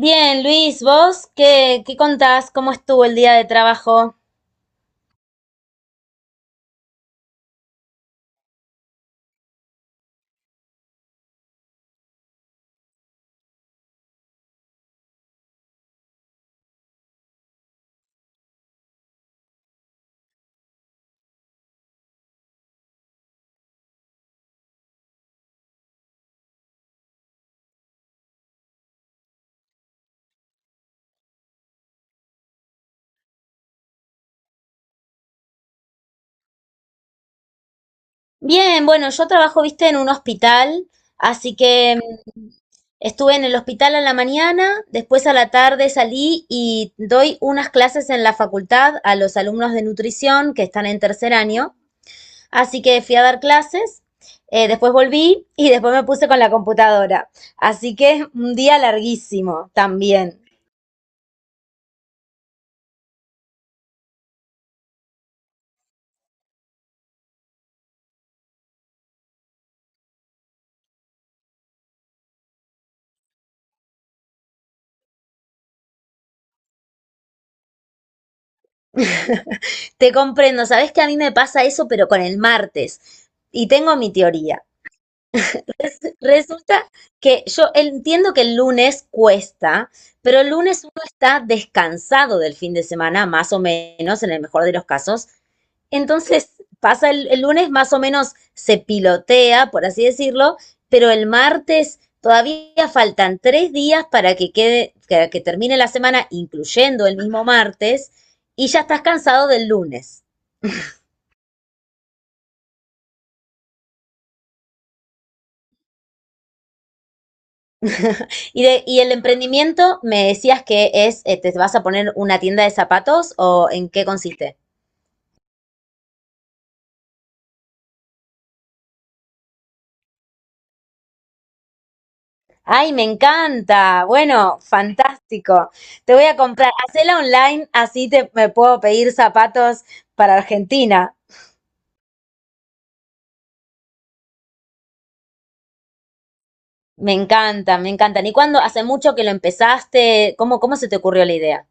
Bien, Luis, ¿vos qué contás? ¿Cómo estuvo el día de trabajo? Bien, bueno, yo trabajo, viste, en un hospital, así que mm, estuve en el hospital a la mañana, después a la tarde salí y doy unas clases en la facultad a los alumnos de nutrición que están en tercer año, así que fui a dar clases, después volví y después me puse con la computadora, así que un día larguísimo también. Te comprendo, sabes que a mí me pasa eso, pero con el martes. Y tengo mi teoría. Resulta que yo entiendo que el lunes cuesta, pero el lunes uno está descansado del fin de semana, más o menos, en el mejor de los casos. Entonces pasa el lunes más o menos se pilotea, por así decirlo, pero el martes todavía faltan tres días para que quede, que termine la semana, incluyendo el mismo martes, y ya estás cansado del lunes. Y, de, y el emprendimiento, me decías que es, te vas a poner una tienda de zapatos o en qué consiste. Ay, me encanta. Bueno, fantástico. Te voy a comprar. Hacela online, así te, me puedo pedir zapatos para Argentina. Me encanta, me encantan. ¿Y cuándo? ¿Hace mucho que lo empezaste? ¿Cómo se te ocurrió la idea?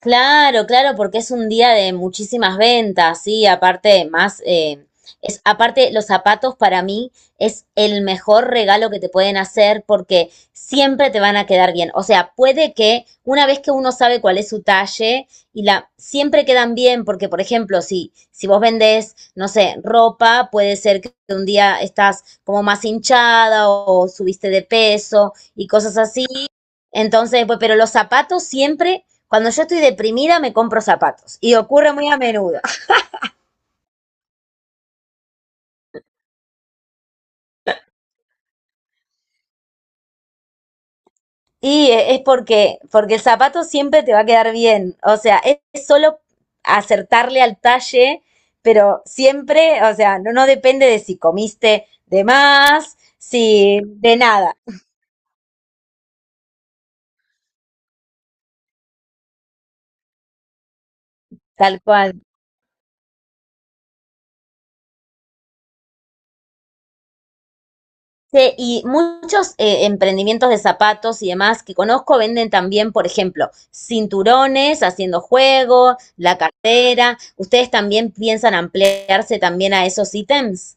Claro, claro, porque es un día de muchísimas ventas, sí, aparte más, es, aparte los zapatos para mí es el mejor regalo que te pueden hacer porque siempre te van a quedar bien. O sea, puede que una vez que uno sabe cuál es su talle y la, siempre quedan bien porque, por ejemplo, si, si vos vendés, no sé, ropa, puede ser que un día estás como más hinchada o subiste de peso y cosas así. Entonces, pues, pero los zapatos siempre, cuando yo estoy deprimida, me compro zapatos. Y ocurre muy a menudo. Y es porque, porque el zapato siempre te va a quedar bien. O sea, es solo acertarle al talle, pero siempre, o sea, no, no depende de si comiste de más, si de nada, tal cual. Sí, y muchos emprendimientos de zapatos y demás que conozco venden también, por ejemplo, cinturones, haciendo juego, la cartera. ¿Ustedes también piensan ampliarse también a esos ítems?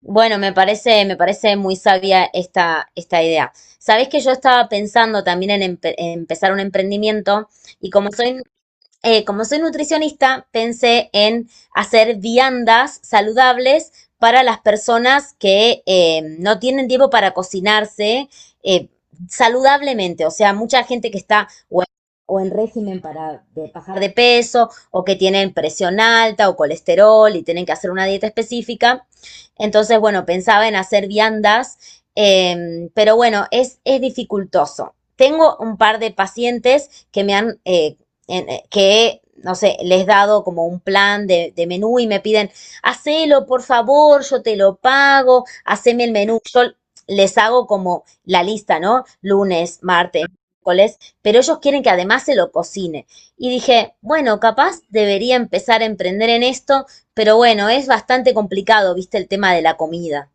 Bueno, me parece muy sabia esta idea. Sabés que yo estaba pensando también en, en empezar un emprendimiento y como soy nutricionista, pensé en hacer viandas saludables para las personas que no tienen tiempo para cocinarse eh, saludablemente. O sea, mucha gente que está o en régimen para de bajar de peso o que tienen presión alta o colesterol y tienen que hacer una dieta específica. Entonces, bueno, pensaba en hacer viandas, pero bueno, es dificultoso tengo un par de pacientes que me han que, no sé, les he dado como un plan de menú y me piden, hacelo, por favor, yo te lo pago, haceme el menú. Yo les hago como la lista, ¿no? Lunes, martes, miércoles, pero ellos quieren que además se lo cocine. Y dije, bueno, capaz debería empezar a emprender en esto, pero bueno, es bastante complicado, viste, el tema de la comida.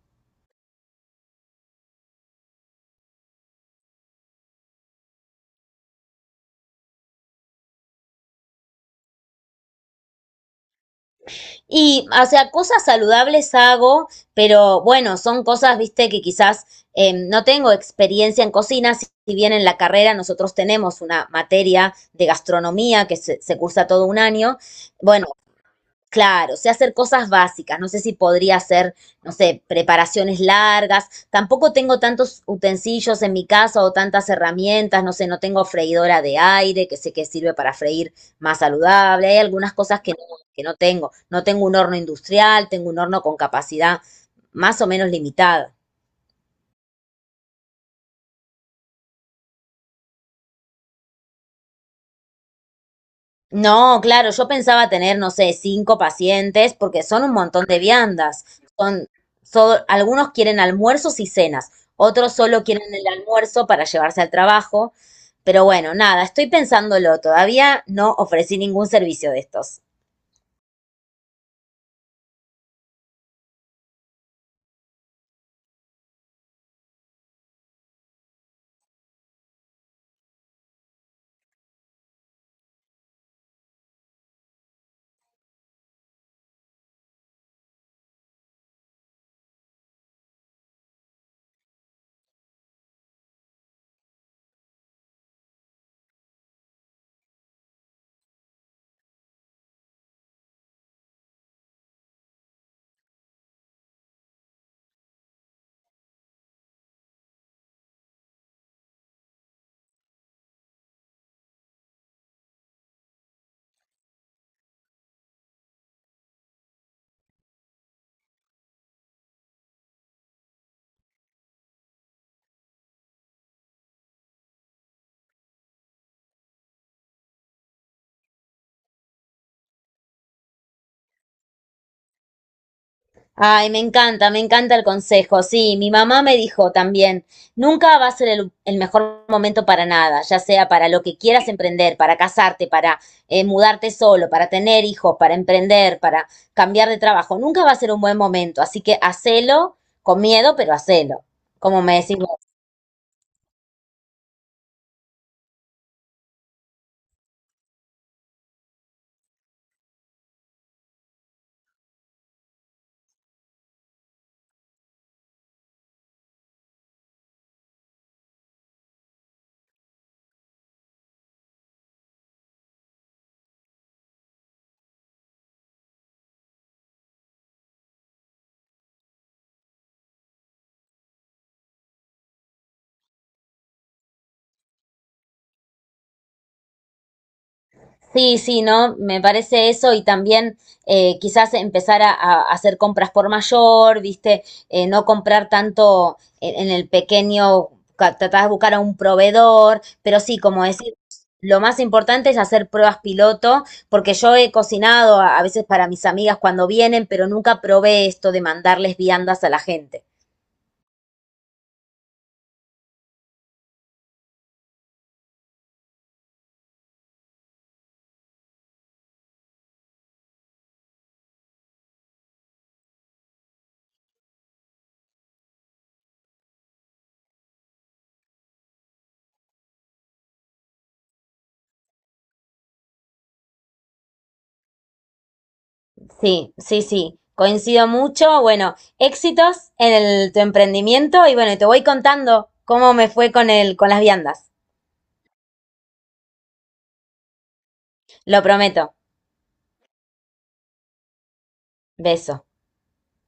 Y, o sea, cosas saludables hago, pero bueno, son cosas, viste, que quizás no tengo experiencia en cocina, si bien en la carrera nosotros tenemos una materia de gastronomía que se cursa todo un año. Bueno, claro, o sea, hacer cosas básicas, no sé si podría hacer, no sé, preparaciones largas, tampoco tengo tantos utensilios en mi casa o tantas herramientas, no sé, no tengo freidora de aire, que sé que sirve para freír más saludable, hay algunas cosas que no tengo, no tengo un horno industrial, tengo un horno con capacidad más o menos limitada. No, claro, yo pensaba tener, no sé, cinco pacientes, porque son un montón de viandas. Son, algunos quieren almuerzos y cenas, otros solo quieren el almuerzo para llevarse al trabajo. Pero bueno, nada, estoy pensándolo, todavía no ofrecí ningún servicio de estos. Ay, me encanta el consejo. Sí, mi mamá me dijo también, nunca va a ser el mejor momento para nada, ya sea para lo que quieras emprender, para casarte, para mudarte solo, para tener hijos, para emprender, para cambiar de trabajo. Nunca va a ser un buen momento, así que hacelo con miedo, pero hacelo, como me decís vos. Sí, sí, ¿no? Me parece eso y también quizás empezar a hacer compras por mayor, ¿viste? No comprar tanto en el pequeño, tratar de buscar a un proveedor, pero sí, como decir, lo más importante es hacer pruebas piloto, porque yo he cocinado a veces para mis amigas cuando vienen, pero nunca probé esto de mandarles viandas a la gente. Sí, sí, sí, coincido mucho. Bueno, éxitos en tu emprendimiento y bueno, te voy contando cómo me fue con el, con las viandas. Lo prometo. Beso.